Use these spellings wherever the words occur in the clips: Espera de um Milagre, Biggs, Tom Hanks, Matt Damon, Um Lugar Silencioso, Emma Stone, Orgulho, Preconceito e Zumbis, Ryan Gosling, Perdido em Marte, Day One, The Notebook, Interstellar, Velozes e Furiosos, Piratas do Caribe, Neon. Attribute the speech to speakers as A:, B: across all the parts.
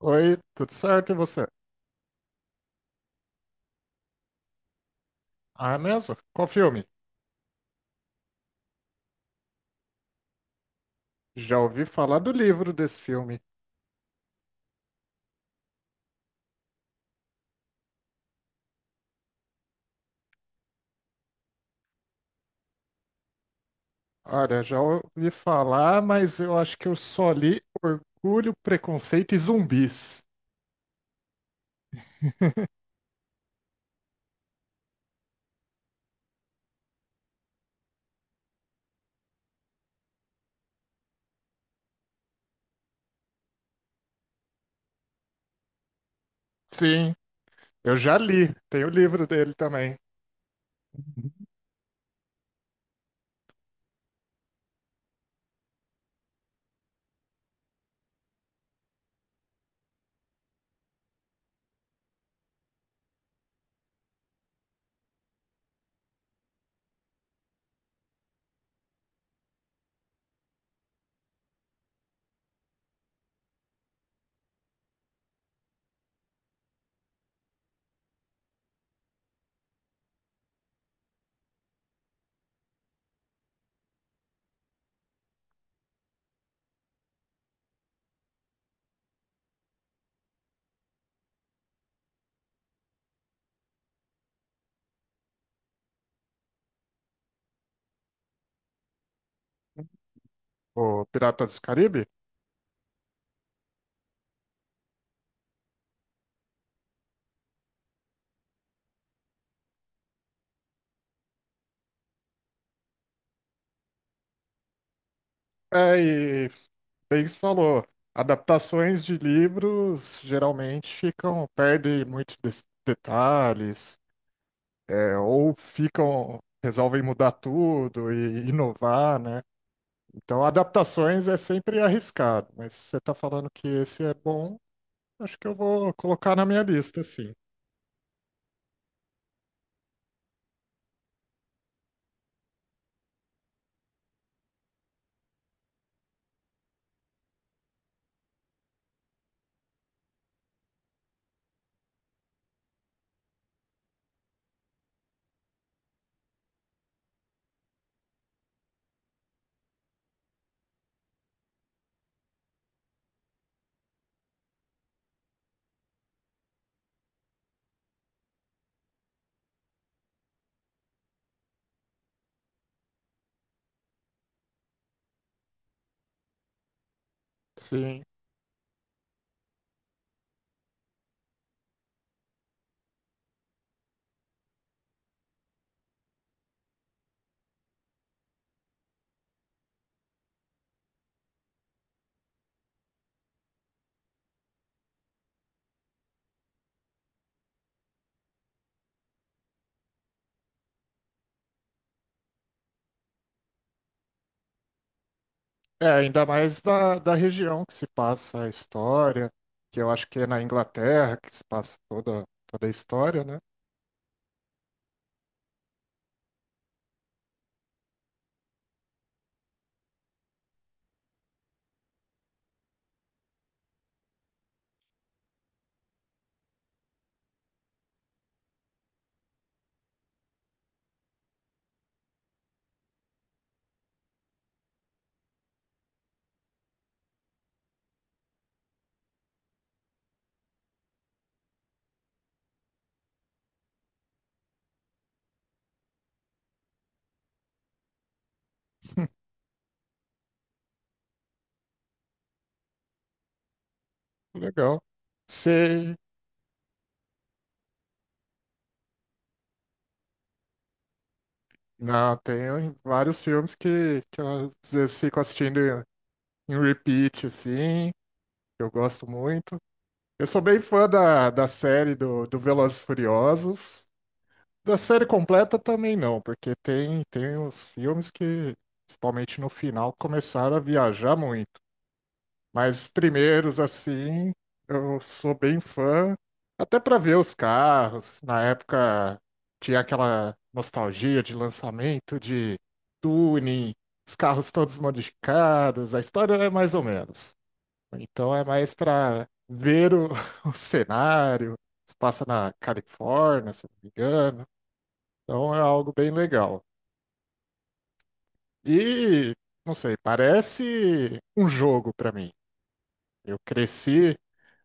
A: Oi, tudo certo e você? Ah, é mesmo? Qual filme? Já ouvi falar do livro desse filme. Olha, já ouvi falar, mas eu acho que eu só li Orgulho, Preconceito e Zumbis. Sim, eu já li. Tem o livro dele também, o Piratas do Caribe. É, e Biggs falou, adaptações de livros geralmente ficam, perdem muitos detalhes. É, ou ficam, resolvem mudar tudo e inovar, né? Então, adaptações é sempre arriscado, mas se você está falando que esse é bom, acho que eu vou colocar na minha lista, sim. Sim. É, ainda mais da região que se passa a história, que eu acho que é na Inglaterra que se passa toda, toda a história, né? Legal. Sei. Não, tem vários filmes que, eu às vezes fico assistindo em repeat, assim, que eu gosto muito. Eu sou bem fã da série do Velozes e Furiosos. Da série completa também não, porque tem, tem os filmes que, principalmente no final, começaram a viajar muito. Mas os primeiros, assim, eu sou bem fã, até para ver os carros. Na época tinha aquela nostalgia de lançamento, de tuning, os carros todos modificados. A história é mais ou menos. Então é mais para ver o, o cenário. Se passa na Califórnia, se não me engano. Então é algo bem legal. E, não sei, parece um jogo para mim. Eu cresci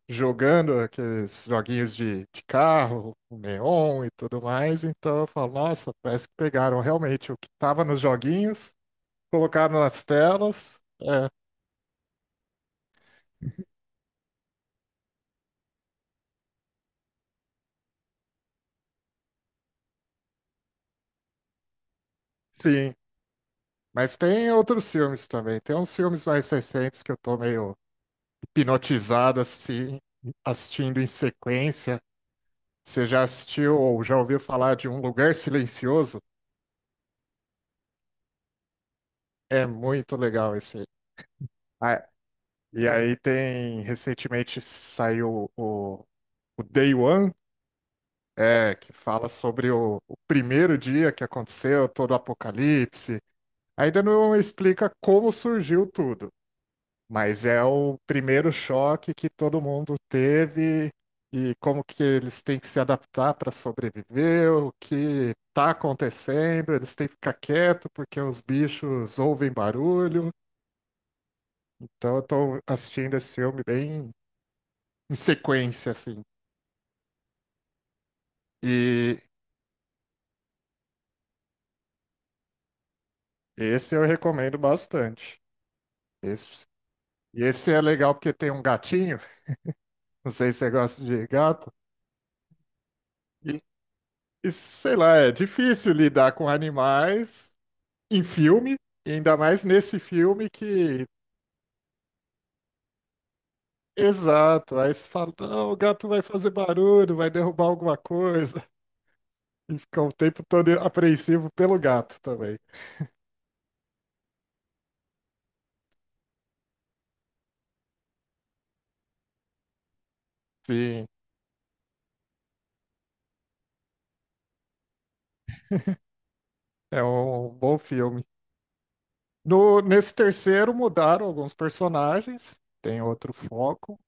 A: jogando aqueles joguinhos de carro, o Neon e tudo mais. Então eu falo, nossa, parece que pegaram realmente o que estava nos joguinhos, colocaram nas telas. É, sim. Mas tem outros filmes também. Tem uns filmes mais recentes que eu tô meio hipnotizado assistindo em sequência. Você já assistiu ou já ouviu falar de Um Lugar Silencioso? É muito legal esse. Aí. Ah, e aí tem, recentemente saiu o Day One, é, que fala sobre o primeiro dia que aconteceu todo o apocalipse. Ainda não explica como surgiu tudo, mas é o primeiro choque que todo mundo teve e como que eles têm que se adaptar para sobreviver, o que está acontecendo, eles têm que ficar quieto porque os bichos ouvem barulho. Então eu estou assistindo esse filme bem em sequência, assim. E esse eu recomendo bastante. Esse, e esse é legal porque tem um gatinho, não sei se você gosta de gato, e, e sei lá, é difícil lidar com animais em filme, e ainda mais nesse filme que. Exato, aí se fala, não, o gato vai fazer barulho, vai derrubar alguma coisa, e fica o tempo todo apreensivo pelo gato também. Sim, é um bom filme. No, nesse terceiro mudaram alguns personagens, tem outro foco,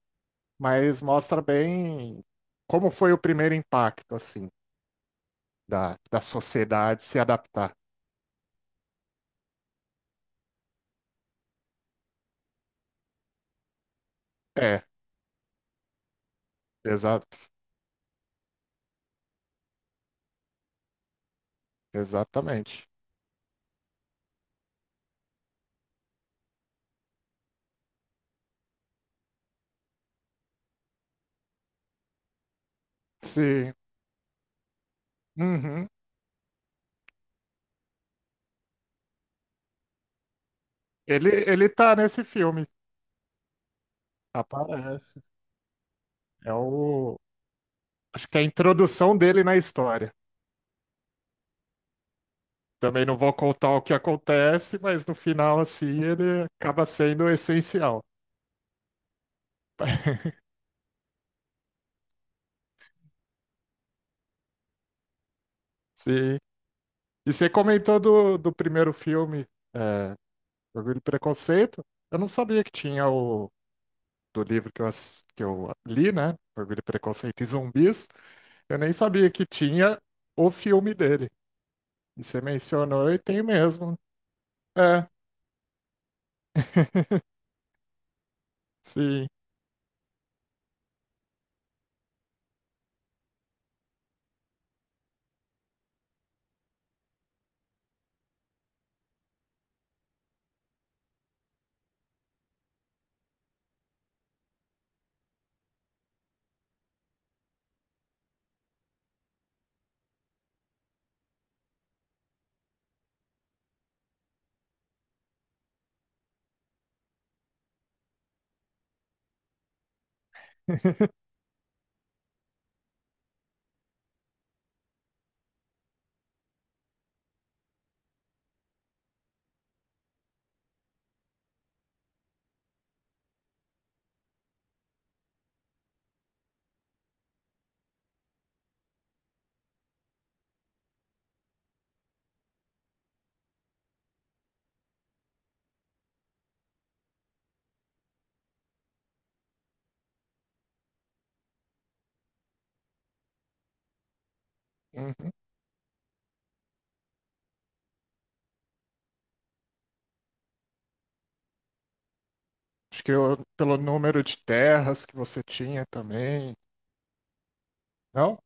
A: mas mostra bem como foi o primeiro impacto, assim, da sociedade se adaptar. É, exato, exatamente. Sim, uhum. Ele tá nesse filme, aparece. É o. Acho que é a introdução dele na história. Também não vou contar o que acontece, mas no final, assim, ele acaba sendo essencial. Sim. E você comentou do primeiro filme, é, Orgulho e Preconceito. Eu não sabia que tinha o do livro que eu, que eu li, né? Orgulho, e Preconceito e Zumbis. Eu nem sabia que tinha o filme dele. E você mencionou e tem mesmo. É, sim. Uhum. Acho que eu- pelo número de terras que você tinha também. Não?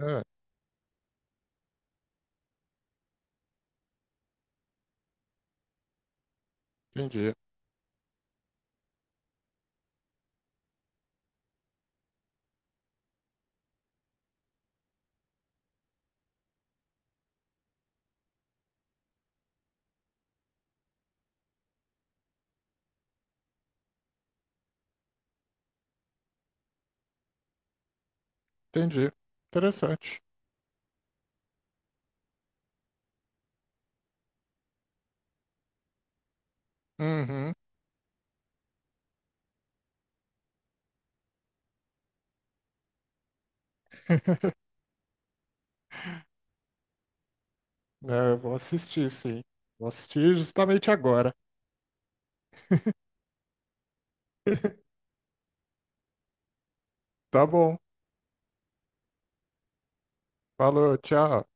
A: Ah, entendi. Entendi. Interessante. Uhum. É, eu vou assistir, sim. Vou assistir justamente agora. Tá bom. Falou, tchau.